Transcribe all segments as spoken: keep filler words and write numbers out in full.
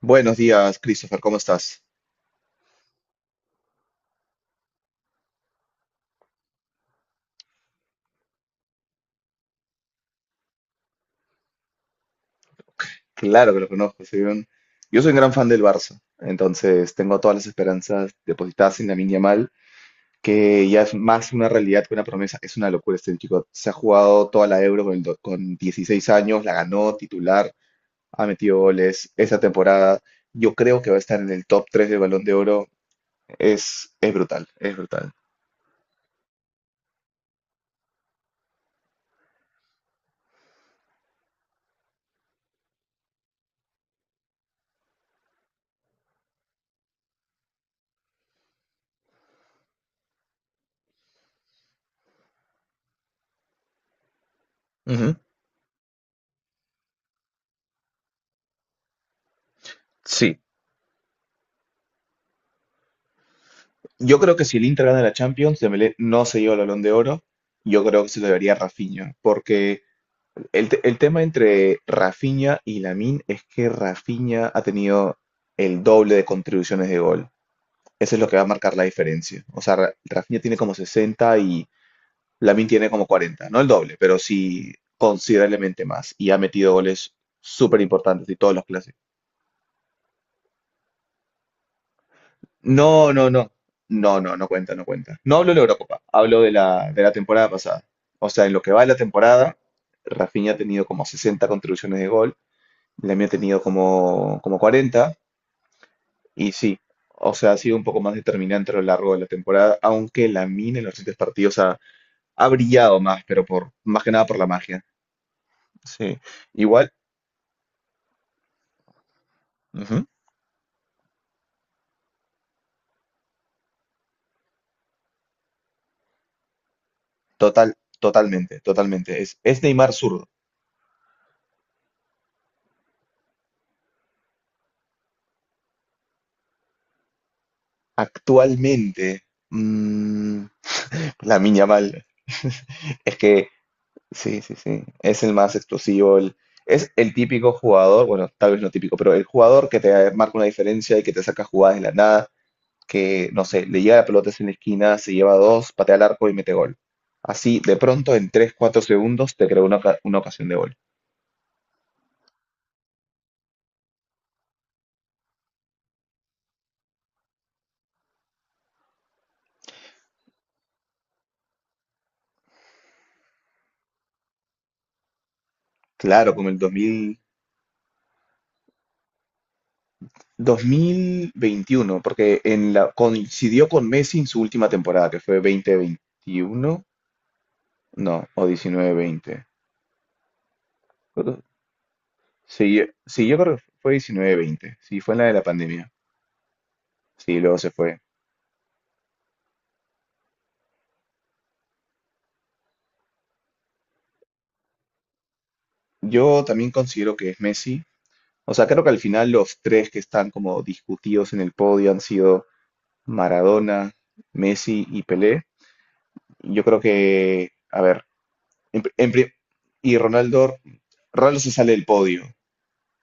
Buenos días, Christopher, ¿cómo estás? Claro que lo conozco, soy un- yo soy un gran fan del Barça, entonces tengo todas las esperanzas depositadas en Lamine Yamal, que ya es más una realidad que una promesa. Es una locura este chico, se ha jugado toda la Euro con, el do- con dieciséis años, la ganó titular, ha metido goles esa temporada. Yo creo que va a estar en el top tres del Balón de Oro. Es, es brutal, es brutal. Ujú. Sí, yo creo que si el Inter gana la Champions, Dembélé no se lleva el Balón de Oro. Yo creo que se lo debería a Rafinha, porque el, te- el tema entre Rafinha y Lamine es que Rafinha ha tenido el doble de contribuciones de gol. Eso es lo que va a marcar la diferencia. O sea, Ra- Rafinha tiene como sesenta y Lamine tiene como cuarenta, no el doble, pero sí considerablemente más. Y ha metido goles súper importantes y todos los clásicos. No, no, no. No, no, no cuenta, no cuenta. No hablo de la Eurocopa, hablo de la, de la temporada pasada. O sea, en lo que va de la temporada, Rafinha ha tenido como sesenta contribuciones de gol, Lamine ha tenido como, como cuarenta. Y sí, o sea, ha sido un poco más determinante a lo largo de la temporada, aunque Lamine en los siguientes partidos ha, ha brillado más, pero por más que nada por la magia. Sí, igual, ujú, total, totalmente, totalmente. Es, es Neymar zurdo. Actualmente, mm, La Yamal. Es que, sí, sí, sí. Es el más explosivo. El- es el típico jugador, bueno, tal vez no típico, pero el jugador que te marca una diferencia y que te saca jugadas de la nada, que, no sé, le llega la pelota en la esquina, se lleva dos, patea al arco y mete gol. Así, de pronto, en tres cuatro segundos, te creó una, oca- una ocasión de gol. Claro, como el dos mil, dos mil veintiuno, porque en la, coincidió con Messi en su última temporada, que fue veinte veintiuno, no, o diecinueve veinte. Sí, yo- sí, yo creo que fue diecinueve veinte. Sí, fue en la de la pandemia. Sí, luego se fue. Yo también considero que es Messi. O sea, creo que al final los tres que están como discutidos en el podio han sido Maradona, Messi y Pelé. Yo creo que, a ver, en pri- en pri- y Ronaldo, Ronaldo se sale del podio,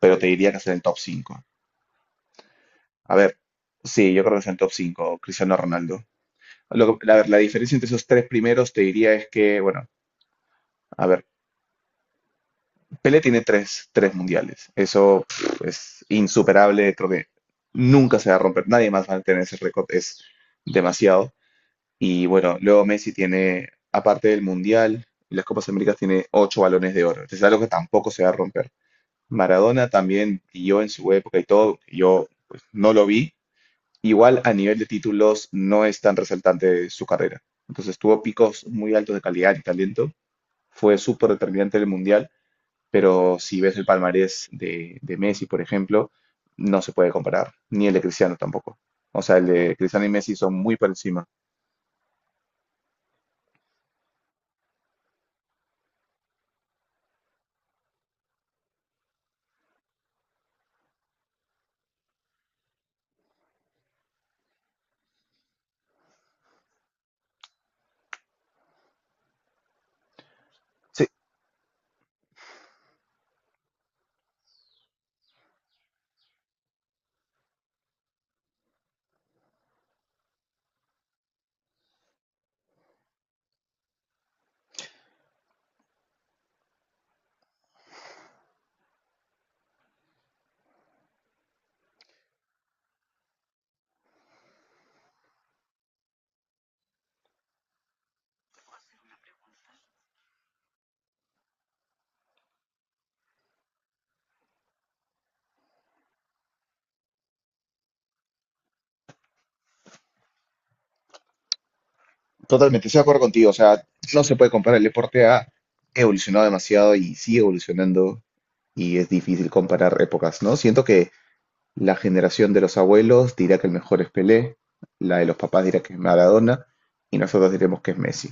pero te diría que está en el top cinco. A ver, sí, yo creo que está en el top cinco, Cristiano Ronaldo. Lo que- a ver, la diferencia entre esos tres primeros te diría es que, bueno, a ver. Pelé tiene tres, tres mundiales. Eso pff, es insuperable. Creo que nunca se va a romper. Nadie más va a tener ese récord. Es demasiado. Y bueno, luego Messi tiene, aparte del mundial, y las Copas Américas, tiene ocho balones de oro. Es algo que tampoco se va a romper. Maradona también yo en su época y todo. Yo pues, no lo vi. Igual a nivel de títulos no es tan resaltante su carrera. Entonces tuvo picos muy altos de calidad y talento. Fue súper determinante en el mundial, pero si ves el palmarés de, de Messi, por ejemplo, no se puede comparar, ni el de Cristiano tampoco. O sea, el de Cristiano y Messi son muy por encima. Sí, totalmente, estoy de acuerdo contigo. O sea, no se puede comparar. El deporte ha evolucionado demasiado y sigue evolucionando y es difícil comparar épocas, ¿no? Siento que la generación de los abuelos dirá que el mejor es Pelé, la de los papás dirá que es Maradona y nosotros diremos que es Messi.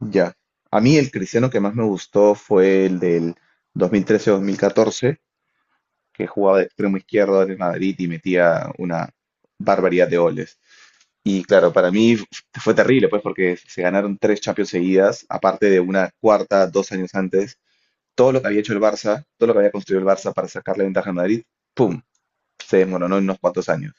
Ya. A mí el cristiano que más me gustó fue el del dos mil trece-dos mil catorce, que jugaba de extremo izquierdo en el Madrid y metía una barbaridad de goles. Y claro, para mí f- fue terrible, pues, porque se ganaron tres Champions seguidas, aparte de una cuarta dos años antes. Todo lo que había hecho el Barça, todo lo que había construido el Barça para sacarle ventaja al Madrid, ¡pum! Se desmoronó en unos cuantos años.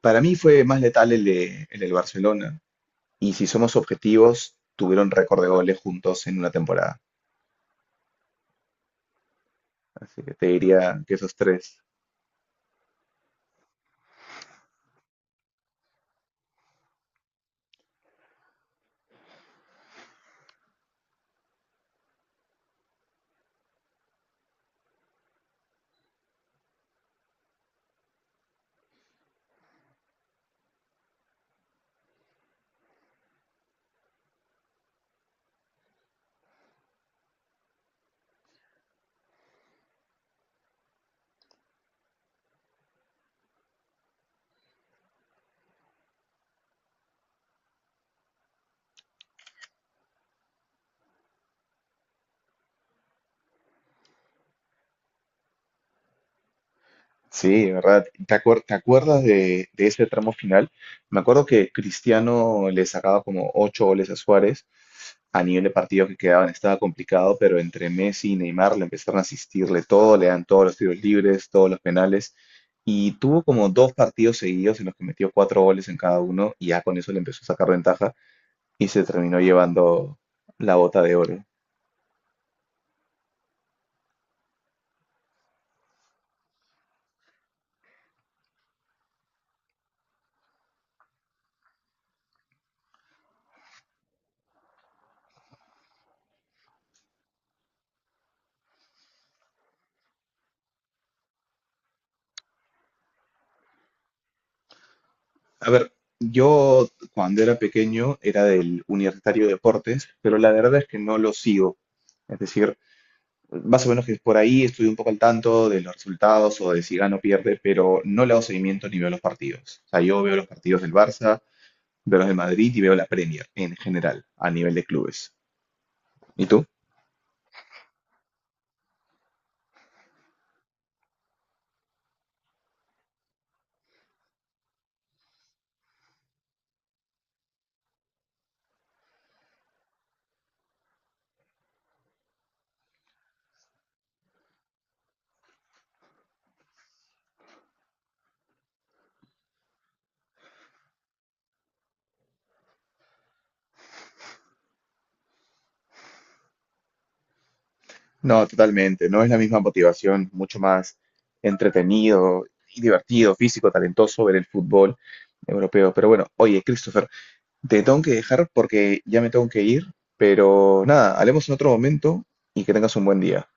Para mí fue más letal el, de- el del Barcelona. Y si somos objetivos, tuvieron récord de goles juntos en una temporada. Así que te diría que esos tres. Sí, ¿de verdad? ¿Te acuer- Te acuerdas de, de ese tramo final? Me acuerdo que Cristiano le sacaba como ocho goles a Suárez a nivel de partidos que quedaban, estaba complicado, pero entre Messi y Neymar le empezaron a asistirle todo, le dan todos los tiros libres, todos los penales, y tuvo como dos partidos seguidos en los que metió cuatro goles en cada uno, y ya con eso le empezó a sacar ventaja y se terminó llevando la bota de oro. A ver, yo cuando era pequeño era del Universitario de Deportes, pero la verdad es que no lo sigo. Es decir, más o menos que por ahí estoy un poco al tanto de los resultados o de si gana o pierde, pero no le hago seguimiento ni veo los partidos. O sea, yo veo los partidos del Barça, veo los de Madrid y veo la Premier en general, a nivel de clubes. ¿Y tú? No, totalmente. No es la misma motivación, mucho más entretenido y divertido, físico, talentoso ver el fútbol europeo. Pero bueno, oye, Christopher, te tengo que dejar porque ya me tengo que ir, pero nada, hablemos en otro momento y que tengas un buen día.